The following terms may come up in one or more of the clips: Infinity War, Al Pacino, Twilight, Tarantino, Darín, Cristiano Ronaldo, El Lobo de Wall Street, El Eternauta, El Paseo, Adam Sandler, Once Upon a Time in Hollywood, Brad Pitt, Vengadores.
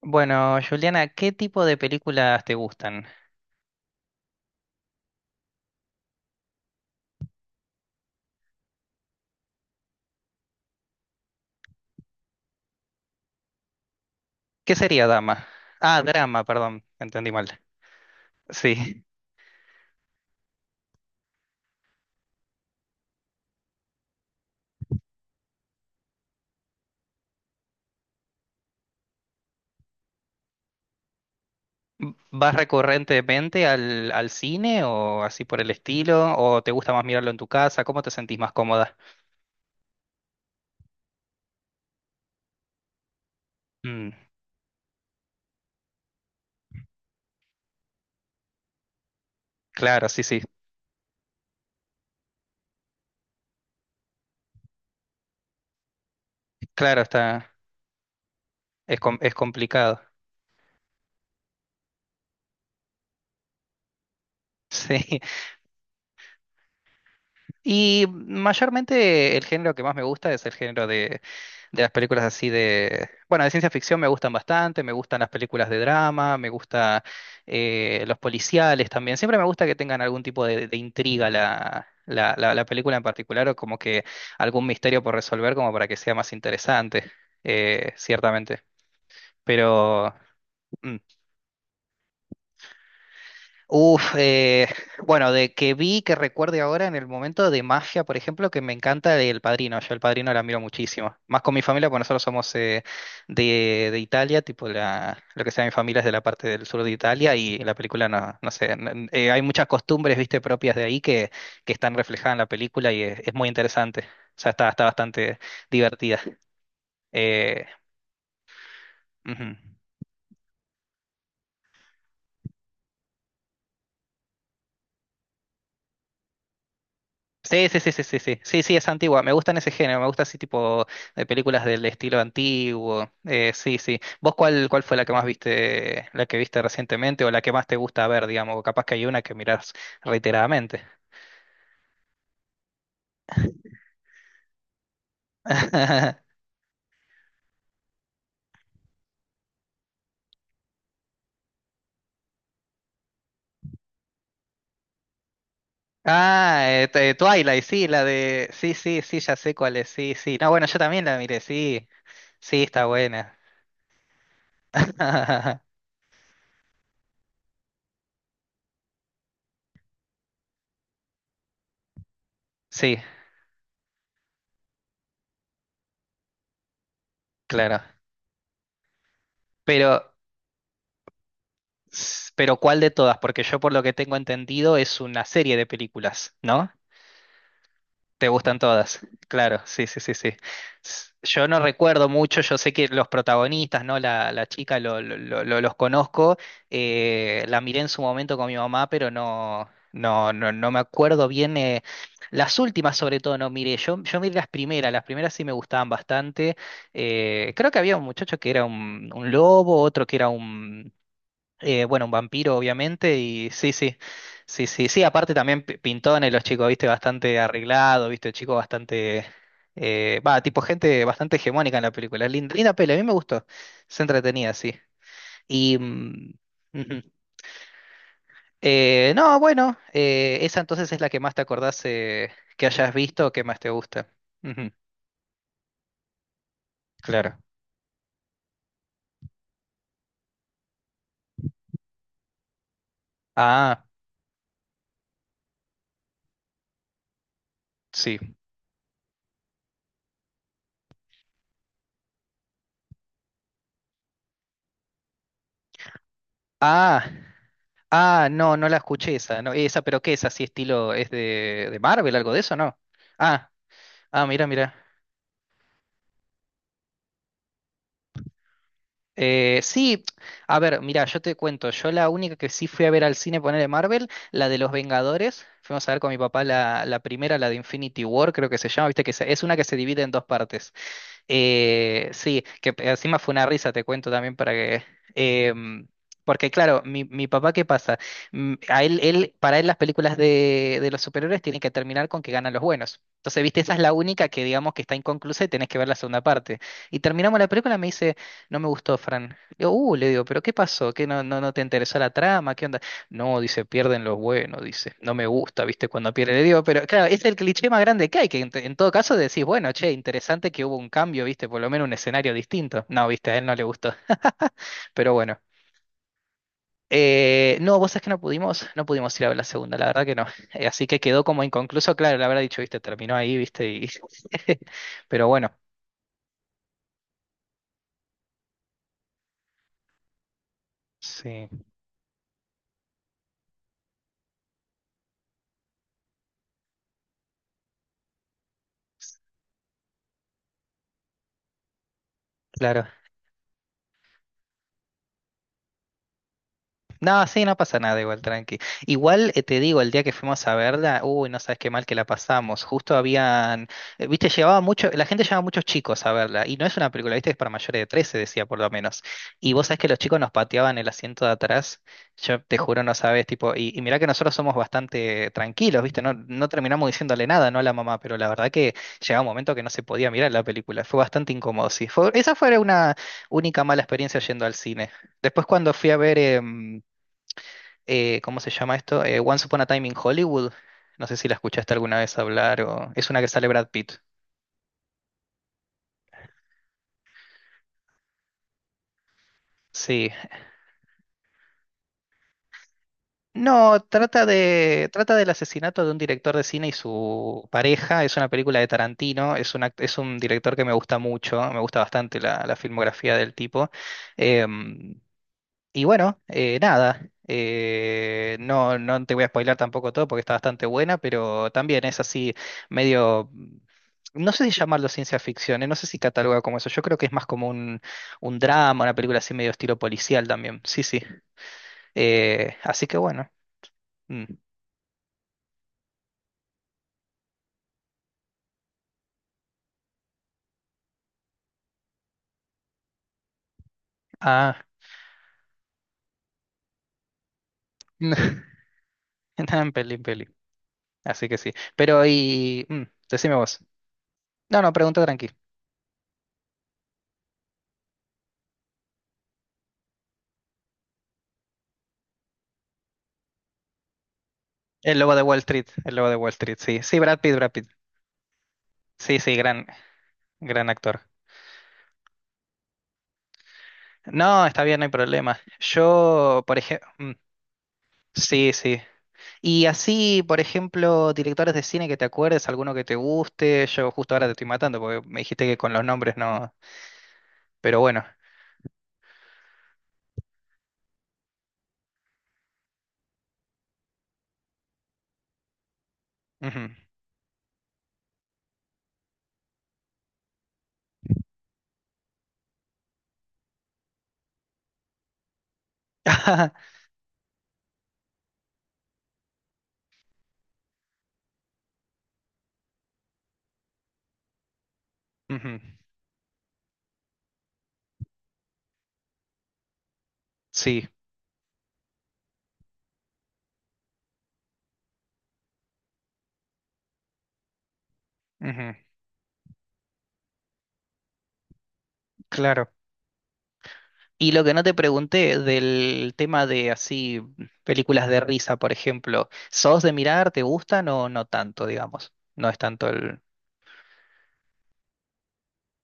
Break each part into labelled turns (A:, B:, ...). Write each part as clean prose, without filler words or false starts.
A: Bueno, Juliana, ¿qué tipo de películas te gustan? ¿Qué sería dama? Ah, drama, perdón, entendí mal. Sí. ¿Vas recurrentemente al cine o así por el estilo? ¿O te gusta más mirarlo en tu casa? ¿Cómo te sentís más cómoda? Mm, claro, sí, sí. Claro, es complicado. Sí. Y mayormente el género que más me gusta es el género de las películas así de. Bueno, de ciencia ficción me gustan bastante, me gustan las películas de drama, me gusta los policiales también. Siempre me gusta que tengan algún tipo de intriga la película en particular o como que algún misterio por resolver como para que sea más interesante, ciertamente. Pero. Mm. Uf, bueno, de que vi, que recuerde ahora en el momento de magia, por ejemplo, que me encanta El Padrino. Yo El Padrino la miro muchísimo. Más con mi familia, porque nosotros somos de Italia, tipo la, lo que sea mi familia es de la parte del sur de Italia y la película no, no sé, hay muchas costumbres, viste, propias de ahí que, están reflejadas en la película y es muy interesante. O sea, está bastante divertida. Eh, Ujú. Sí, sí, sí, sí, sí, sí, sí, sí, es antigua. Me gustan ese género, me gusta ese tipo de películas del estilo antiguo. Sí, sí. ¿Vos cuál fue la que más viste, la que viste recientemente o la que más te gusta ver, digamos? Capaz que hay una que mirás reiteradamente. Ah, Twilight, sí, Sí, sí, sí, ya sé cuál es, sí, sí. No, bueno, yo también la miré, sí. Sí, está buena. Sí, claro. Pero... Pero ¿cuál de todas? Porque yo por lo que tengo entendido es una serie de películas, ¿no? ¿Te gustan todas? Claro, sí, sí, sí, sí. Yo no recuerdo mucho, yo sé que los protagonistas, ¿no? La chica, los conozco, la miré en su momento con mi mamá, pero no me acuerdo bien. Las últimas sobre todo no miré, yo miré las primeras sí me gustaban bastante. Creo que había un muchacho que era un lobo, otro que era un bueno, un vampiro, obviamente, y sí, sí, sí, sí, sí, aparte también pintones, los chicos, viste, bastante arreglado, viste, chicos bastante, va, tipo gente bastante hegemónica en la película, linda, linda peli, a mí me gustó, se entretenía, sí. Mm, ujú. No, bueno, esa entonces es la que más te acordás que hayas visto o que más te gusta. Ujú, claro. Ah, sí. Ah. Ah, no, no la escuché esa, no, esa, pero ¿qué es así estilo? ¿Es de Marvel, algo de eso, no? Ah, ah, mira, mira. Sí, a ver, mira, yo te cuento, yo la única que sí fui a ver al cine poner de Marvel, la de los Vengadores, fuimos a ver con mi papá la primera, la de Infinity War, creo que se llama, viste que es una que se divide en dos partes. Sí, que encima fue una risa, te cuento también para que. em, Porque claro, mi papá, ¿qué pasa? A él, para él las películas de los superhéroes tienen que terminar con que ganan los buenos. Entonces, viste, esa es la única que digamos que está inconclusa y tenés que ver la segunda parte. Y terminamos la película, me dice, no me gustó, Fran. Le digo, ¿pero qué pasó? ¿Qué no te interesó la trama? ¿Qué onda? No, dice, pierden los buenos, dice. No me gusta, ¿viste? Cuando pierden. Le digo, pero claro, es el cliché más grande que hay, que en todo caso decís, bueno, che, interesante que hubo un cambio, ¿viste? Por lo menos un escenario distinto. No, ¿viste? A él no le gustó. Pero bueno. No, vos sabés que no pudimos ir a ver la segunda, la verdad que no. Así que quedó como inconcluso, claro, la verdad dicho, ¿viste? Terminó ahí, ¿viste? Y. Pero bueno, sí, claro. No, sí, no pasa nada, igual, tranqui. Igual te digo, el día que fuimos a verla, uy, no sabes qué mal que la pasamos. Justo habían, viste, llevaba mucho, la gente llevaba muchos chicos a verla, y no es una película, viste, es para mayores de 13 decía por lo menos. Y vos sabés que los chicos nos pateaban el asiento de atrás, yo te juro, no sabes, tipo, y mirá que nosotros somos bastante tranquilos, viste, no terminamos diciéndole nada, no a la mamá, pero la verdad que llegaba un momento que no se podía mirar la película, fue bastante incómodo, sí. Esa fue una única mala experiencia yendo al cine. Después cuando fui a ver. ¿Cómo se llama esto? Once Upon a Time in Hollywood. No sé si la escuchaste alguna vez hablar o es una que sale Brad Pitt. Sí. No, trata del asesinato de un director de cine y su pareja. Es una película de Tarantino. Es un director que me gusta mucho. Me gusta bastante la filmografía del tipo. Em, Y bueno, nada, no, te voy a spoilar tampoco todo porque está bastante buena, pero también es así medio, no sé si llamarlo ciencia ficción, no sé si cataloga como eso, yo creo que es más como un drama, una película así medio estilo policial también, sí, sí. Así que bueno. Mm. Ah, nada en peli, así que sí. Decime vos. No, no, pregunta tranqui. El lobo de Wall Street, el lobo de Wall Street, sí, sí, Brad Pitt, Brad Pitt, sí, sí, gran, gran actor. No, está bien, no hay problema. Yo, por ejemplo, sí, sí. Y así, por ejemplo, directores de cine que te acuerdes, alguno que te guste. Yo justo ahora te estoy matando porque me dijiste que con los nombres no. Pero bueno. Ujú. Ujú. Sí, ujú, claro. Y lo que no te pregunté del tema de así, películas de risa, por ejemplo, ¿sos de mirar? ¿Te gustan o no tanto, digamos? No es tanto el.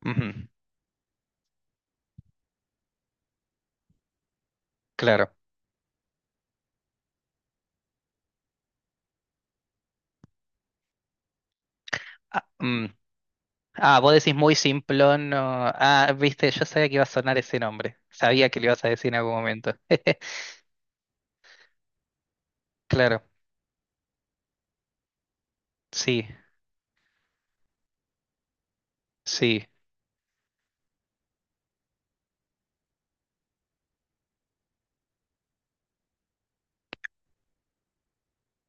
A: Ujú, claro. Ah, mm, ah, vos decís muy simplón. Ah, viste, yo sabía que iba a sonar ese nombre. Sabía que lo ibas a decir en algún momento. Claro, sí, sí.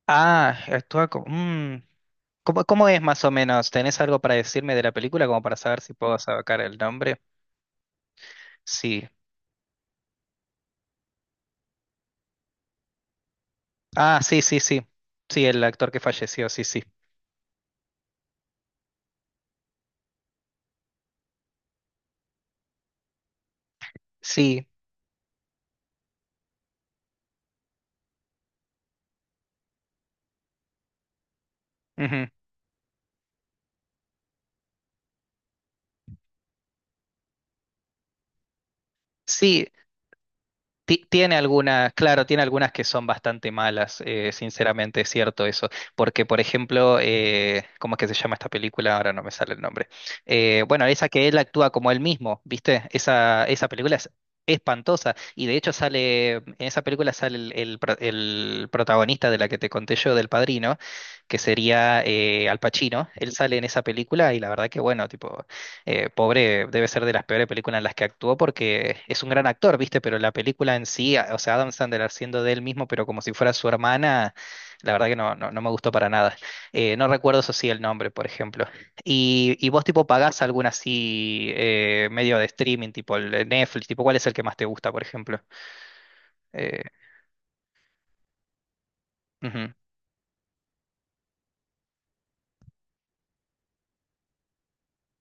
A: Ah, actúa como. ¿Cómo es más o menos? ¿Tenés algo para decirme de la película como para saber si puedo sacar el nombre? Sí. Ah, sí, sí, sí. Sí, el actor que falleció, sí, sí. Sí. Ujú. Sí. Tiene algunas, claro, tiene algunas que son bastante malas, sinceramente es cierto eso, porque por ejemplo, ¿cómo es que se llama esta película? Ahora no me sale el nombre. Bueno, esa que él actúa como él mismo, ¿viste? Esa película es espantosa y de hecho sale, en esa película sale el protagonista de la que te conté yo, del Padrino, que sería Al Pacino, él sale en esa película y la verdad que bueno, tipo. Pobre, debe ser de las peores películas en las que actuó porque es un gran actor, ¿viste? Pero la película en sí, o sea, Adam Sandler haciendo de él mismo, pero como si fuera su hermana, la verdad que no, no, no me gustó para nada. No recuerdo eso sí el nombre, por ejemplo. ¿Y vos tipo pagás algún así medio de streaming, tipo el Netflix, tipo cuál es el que más te gusta, por ejemplo? Eh, Ujú.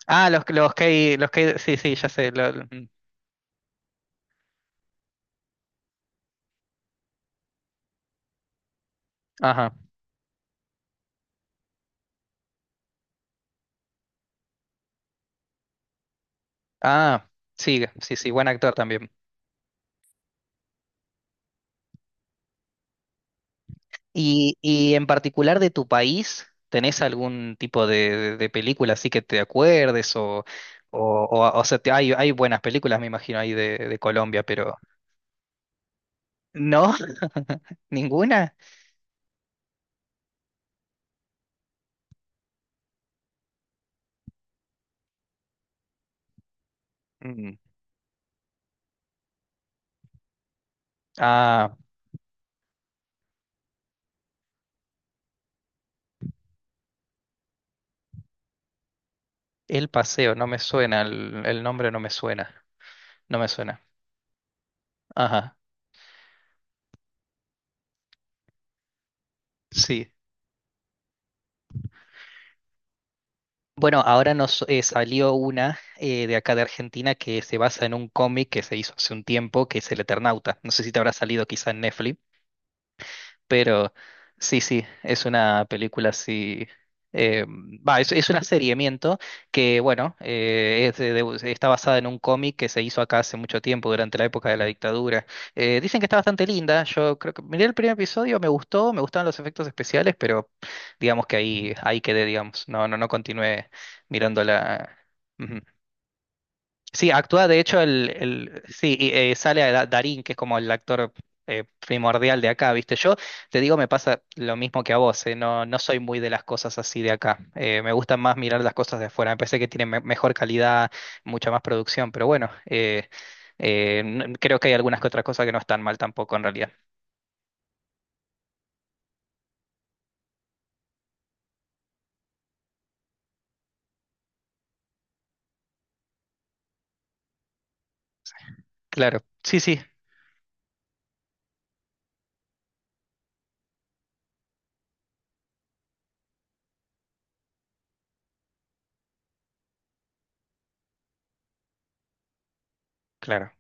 A: Ah, los que, sí, sí, ya sé. Ajá. Ah, sí, sí, sí, buen actor también. Y en particular de tu país, ¿tenés algún tipo de, de película así que te acuerdes? O sea, hay buenas películas, me imagino, ahí de Colombia, pero ¿no? ¿Ninguna? Mm. Ah, El Paseo, no me suena, el nombre no me suena, no me suena. Ajá, sí. Bueno, ahora nos salió una de acá de Argentina que se basa en un cómic que se hizo hace un tiempo, que es El Eternauta. No sé si te habrá salido quizá en Netflix. Pero sí, sí, es una película así. eh, Va, es una serie miento que, bueno, está basada en un cómic que se hizo acá hace mucho tiempo, durante la época de la dictadura. Dicen que está bastante linda. Yo creo que miré el primer episodio, me gustó, me gustaron los efectos especiales, pero digamos que ahí quedé, digamos. No, no, no continué mirándola. Sí, actúa de hecho el sí, y, sale a Darín, que es como el actor primordial de acá, ¿viste? Yo te digo, me pasa lo mismo que a vos, No, no soy muy de las cosas así de acá. Me gustan más mirar las cosas de afuera. Me parece que tienen mejor calidad, mucha más producción, pero bueno, creo que hay algunas que otras cosas que no están mal tampoco en realidad. Claro, sí, sí, claro.